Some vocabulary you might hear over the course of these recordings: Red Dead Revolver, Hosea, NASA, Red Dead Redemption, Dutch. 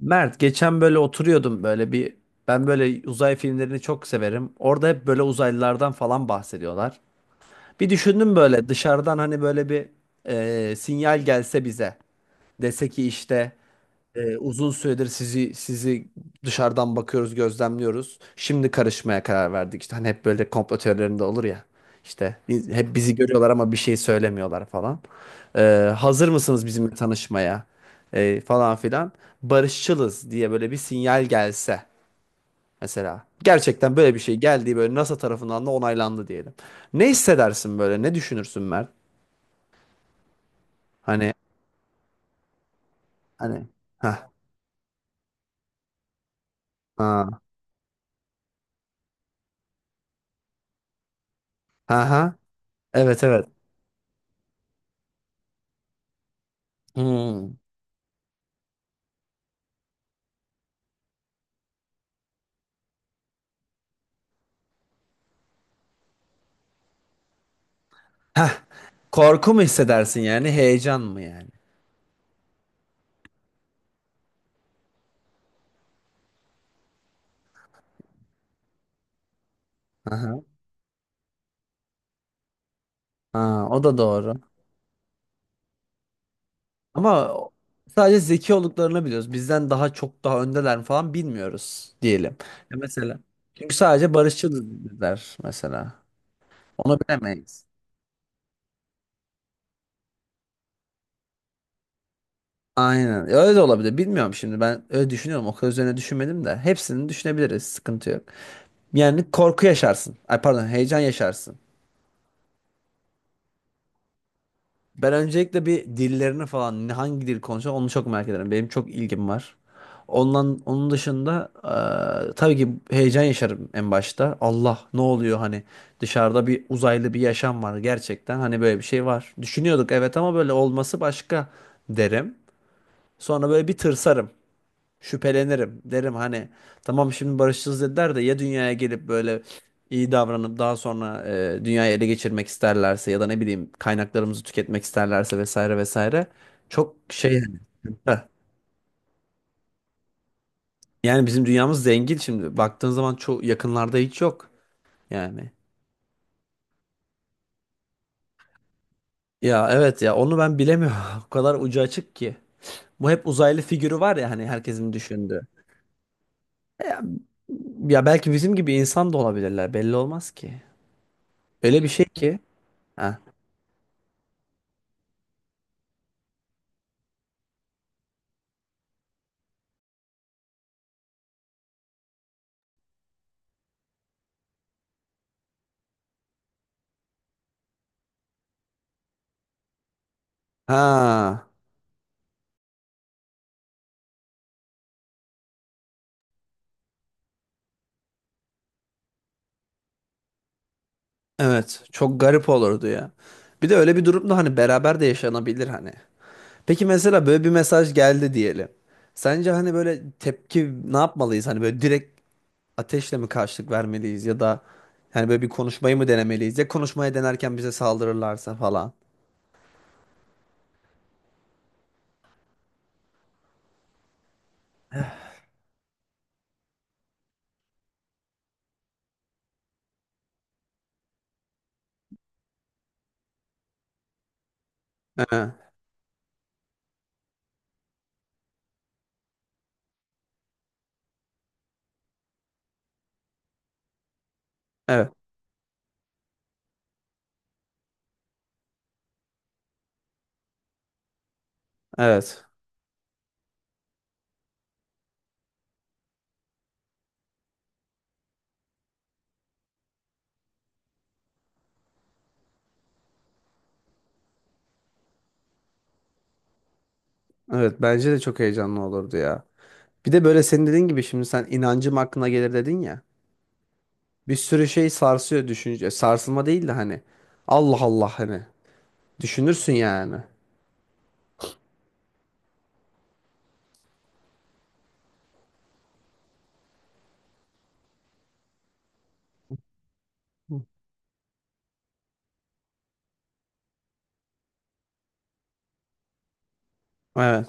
Mert geçen böyle oturuyordum böyle bir ben böyle uzay filmlerini çok severim. Orada hep böyle uzaylılardan falan bahsediyorlar. Bir düşündüm böyle dışarıdan hani böyle bir sinyal gelse bize dese ki işte uzun süredir sizi dışarıdan bakıyoruz, gözlemliyoruz. Şimdi karışmaya karar verdik. İşte hani hep böyle komplo teorilerinde olur ya. İşte hep bizi görüyorlar ama bir şey söylemiyorlar falan. Ee, hazır mısınız bizimle tanışmaya? Falan filan. Barışçılız diye böyle bir sinyal gelse mesela. Gerçekten böyle bir şey geldiği böyle NASA tarafından da onaylandı diyelim. Ne hissedersin böyle? Ne düşünürsün Mert? Hani hani ha ha ha ha evet evet. Hmm. Heh, korku mu hissedersin yani, heyecan mı yani? Aha. Ha, o da doğru. Ama o- sadece zeki olduklarını biliyoruz. Bizden daha çok daha öndeler mi falan bilmiyoruz diyelim. Ya mesela. Çünkü sadece barışçılızlar mesela. Onu bilemeyiz. Aynen. Ya öyle de olabilir. Bilmiyorum şimdi. Ben öyle düşünüyorum. O kadar üzerine düşünmedim de. Hepsini düşünebiliriz. Sıkıntı yok. Yani korku yaşarsın. Ay pardon, heyecan yaşarsın. Ben öncelikle bir dillerini falan hangi dil konuşuyor onu çok merak ederim. Benim çok ilgim var. Ondan onun dışında tabii ki heyecan yaşarım en başta. Allah ne oluyor hani dışarıda bir uzaylı bir yaşam var gerçekten hani böyle bir şey var. Düşünüyorduk evet ama böyle olması başka derim. Sonra böyle bir tırsarım şüphelenirim. Derim hani tamam şimdi barışçılız dediler de ya dünyaya gelip böyle iyi davranıp daha sonra dünyayı ele geçirmek isterlerse ya da ne bileyim kaynaklarımızı tüketmek isterlerse vesaire vesaire çok şey yani. Heh. Yani bizim dünyamız zengin şimdi baktığın zaman çok yakınlarda hiç yok yani. Ya evet ya onu ben bilemiyorum. O kadar ucu açık ki. Bu hep uzaylı figürü var ya hani herkesin düşündüğü. Ya, ya belki bizim gibi insan da olabilirler belli olmaz ki. Öyle bir şey ki. Heh. Ha, evet. Çok garip olurdu ya. Bir de öyle bir durumda hani beraber de yaşanabilir hani. Peki mesela böyle bir mesaj geldi diyelim. Sence hani böyle tepki ne yapmalıyız? Hani böyle direkt ateşle mi karşılık vermeliyiz ya da hani böyle bir konuşmayı mı denemeliyiz? Ya konuşmaya denerken bize saldırırlarsa falan. Ee, Evet, evet. Evet, bence de çok heyecanlı olurdu ya. Bir de böyle senin dediğin gibi şimdi sen inancım aklına gelir dedin ya. Bir sürü şey sarsıyor düşünce. Sarsılma değil de hani. Allah Allah hani. Düşünürsün yani. Evet.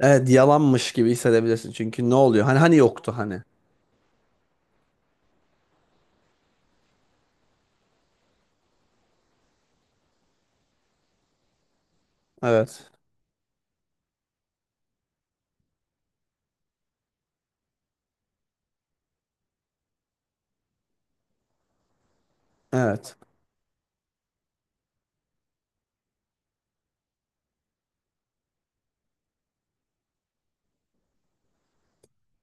Evet yalanmış gibi hissedebilirsin. Çünkü ne oluyor? Hani hani yoktu hani. Evet. Evet.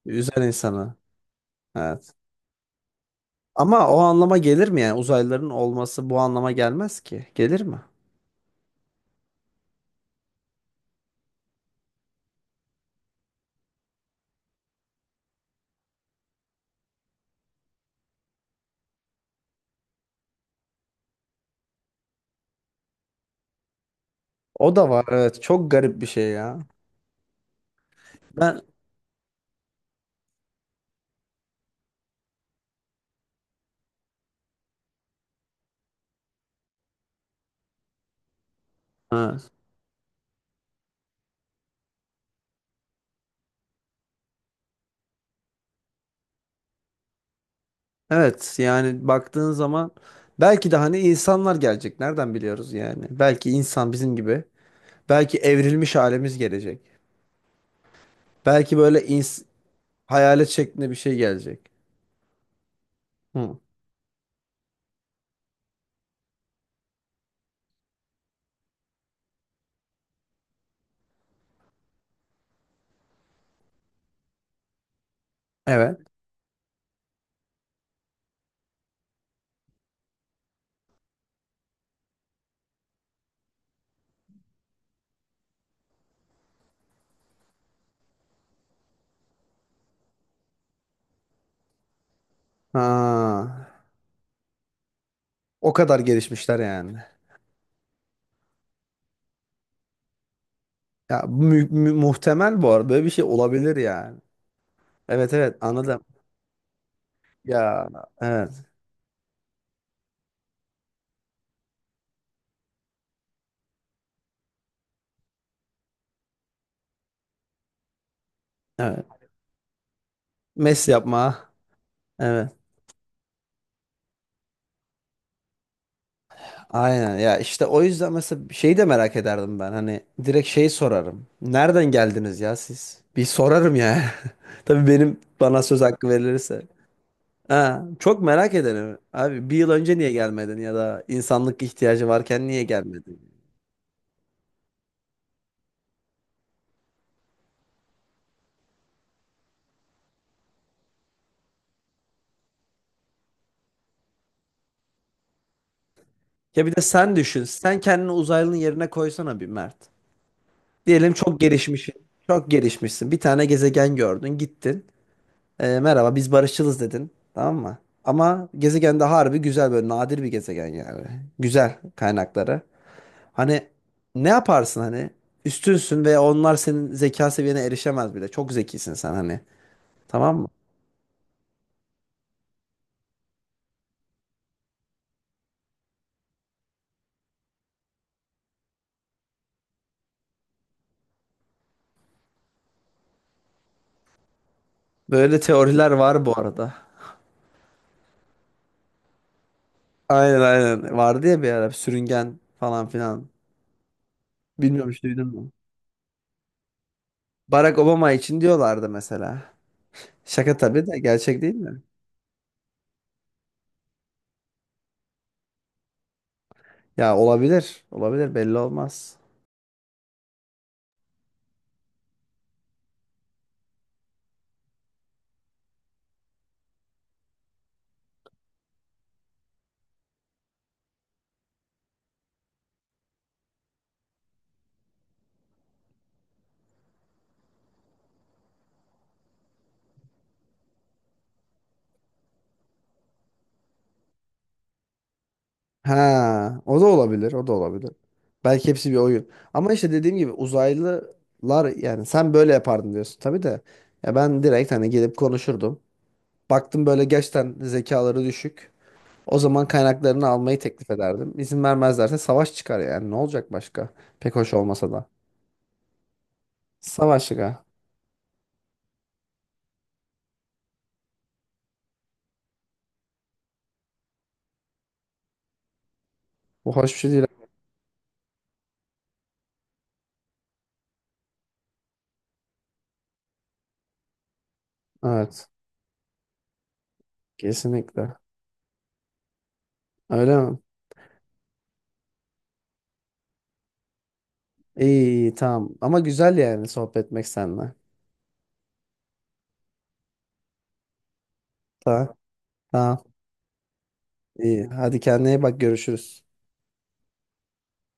Üzer insanı. Evet. Ama o anlama gelir mi yani? Uzaylıların olması bu anlama gelmez ki. Gelir mi? O da var. Evet. Çok garip bir şey ya. Ben evet. Evet. Yani baktığın zaman belki de hani insanlar gelecek. Nereden biliyoruz yani? Belki insan bizim gibi. Belki evrilmiş halimiz gelecek. Belki böyle ins hayalet şeklinde bir şey gelecek. Hı. Evet. Ha, o kadar gelişmişler yani. Ya muhtemel bu arada böyle bir şey olabilir yani. Evet evet anladım. Ya evet evet. Mes yapma. Evet. Aynen ya işte o yüzden mesela şeyi de merak ederdim ben. Hani direkt şey sorarım. Nereden geldiniz ya siz? Bir sorarım ya. Tabii benim bana söz hakkı verilirse. Ha, çok merak ederim. Abi 1 yıl önce niye gelmedin ya da insanlık ihtiyacı varken niye gelmedin? Ya bir de sen düşün. Sen kendini uzaylının yerine koysana bir Mert. Diyelim çok gelişmişsin. Çok gelişmişsin. Bir tane gezegen gördün, gittin. Merhaba biz barışçılız dedin. Tamam mı? Ama gezegen de harbi güzel böyle nadir bir gezegen yani. Güzel kaynakları. Hani ne yaparsın hani? Üstünsün ve onlar senin zeka seviyene erişemez bile. Çok zekisin sen hani. Tamam mı? Böyle teoriler var bu arada. Aynen aynen. Vardı ya bir ara sürüngen falan filan. Bilmiyorum hiç duydun mu? Barack Obama için diyorlardı mesela. Şaka tabii de gerçek değil mi? Ya olabilir. Olabilir belli olmaz. Ha, o da olabilir. O da olabilir. Belki hepsi bir oyun. Ama işte dediğim gibi uzaylılar yani sen böyle yapardın diyorsun tabii de. Ya ben direkt hani gelip konuşurdum. Baktım böyle gerçekten zekaları düşük. O zaman kaynaklarını almayı teklif ederdim. İzin vermezlerse savaş çıkar yani. Ne olacak başka? Pek hoş olmasa da. Savaş çıkar. Bu hoş bir şey değil. Evet. Kesinlikle. Öyle mi? İyi, iyi, tamam. Ama güzel yani sohbet etmek seninle. Tamam. Tamam. İyi. Hadi kendine iyi bak görüşürüz.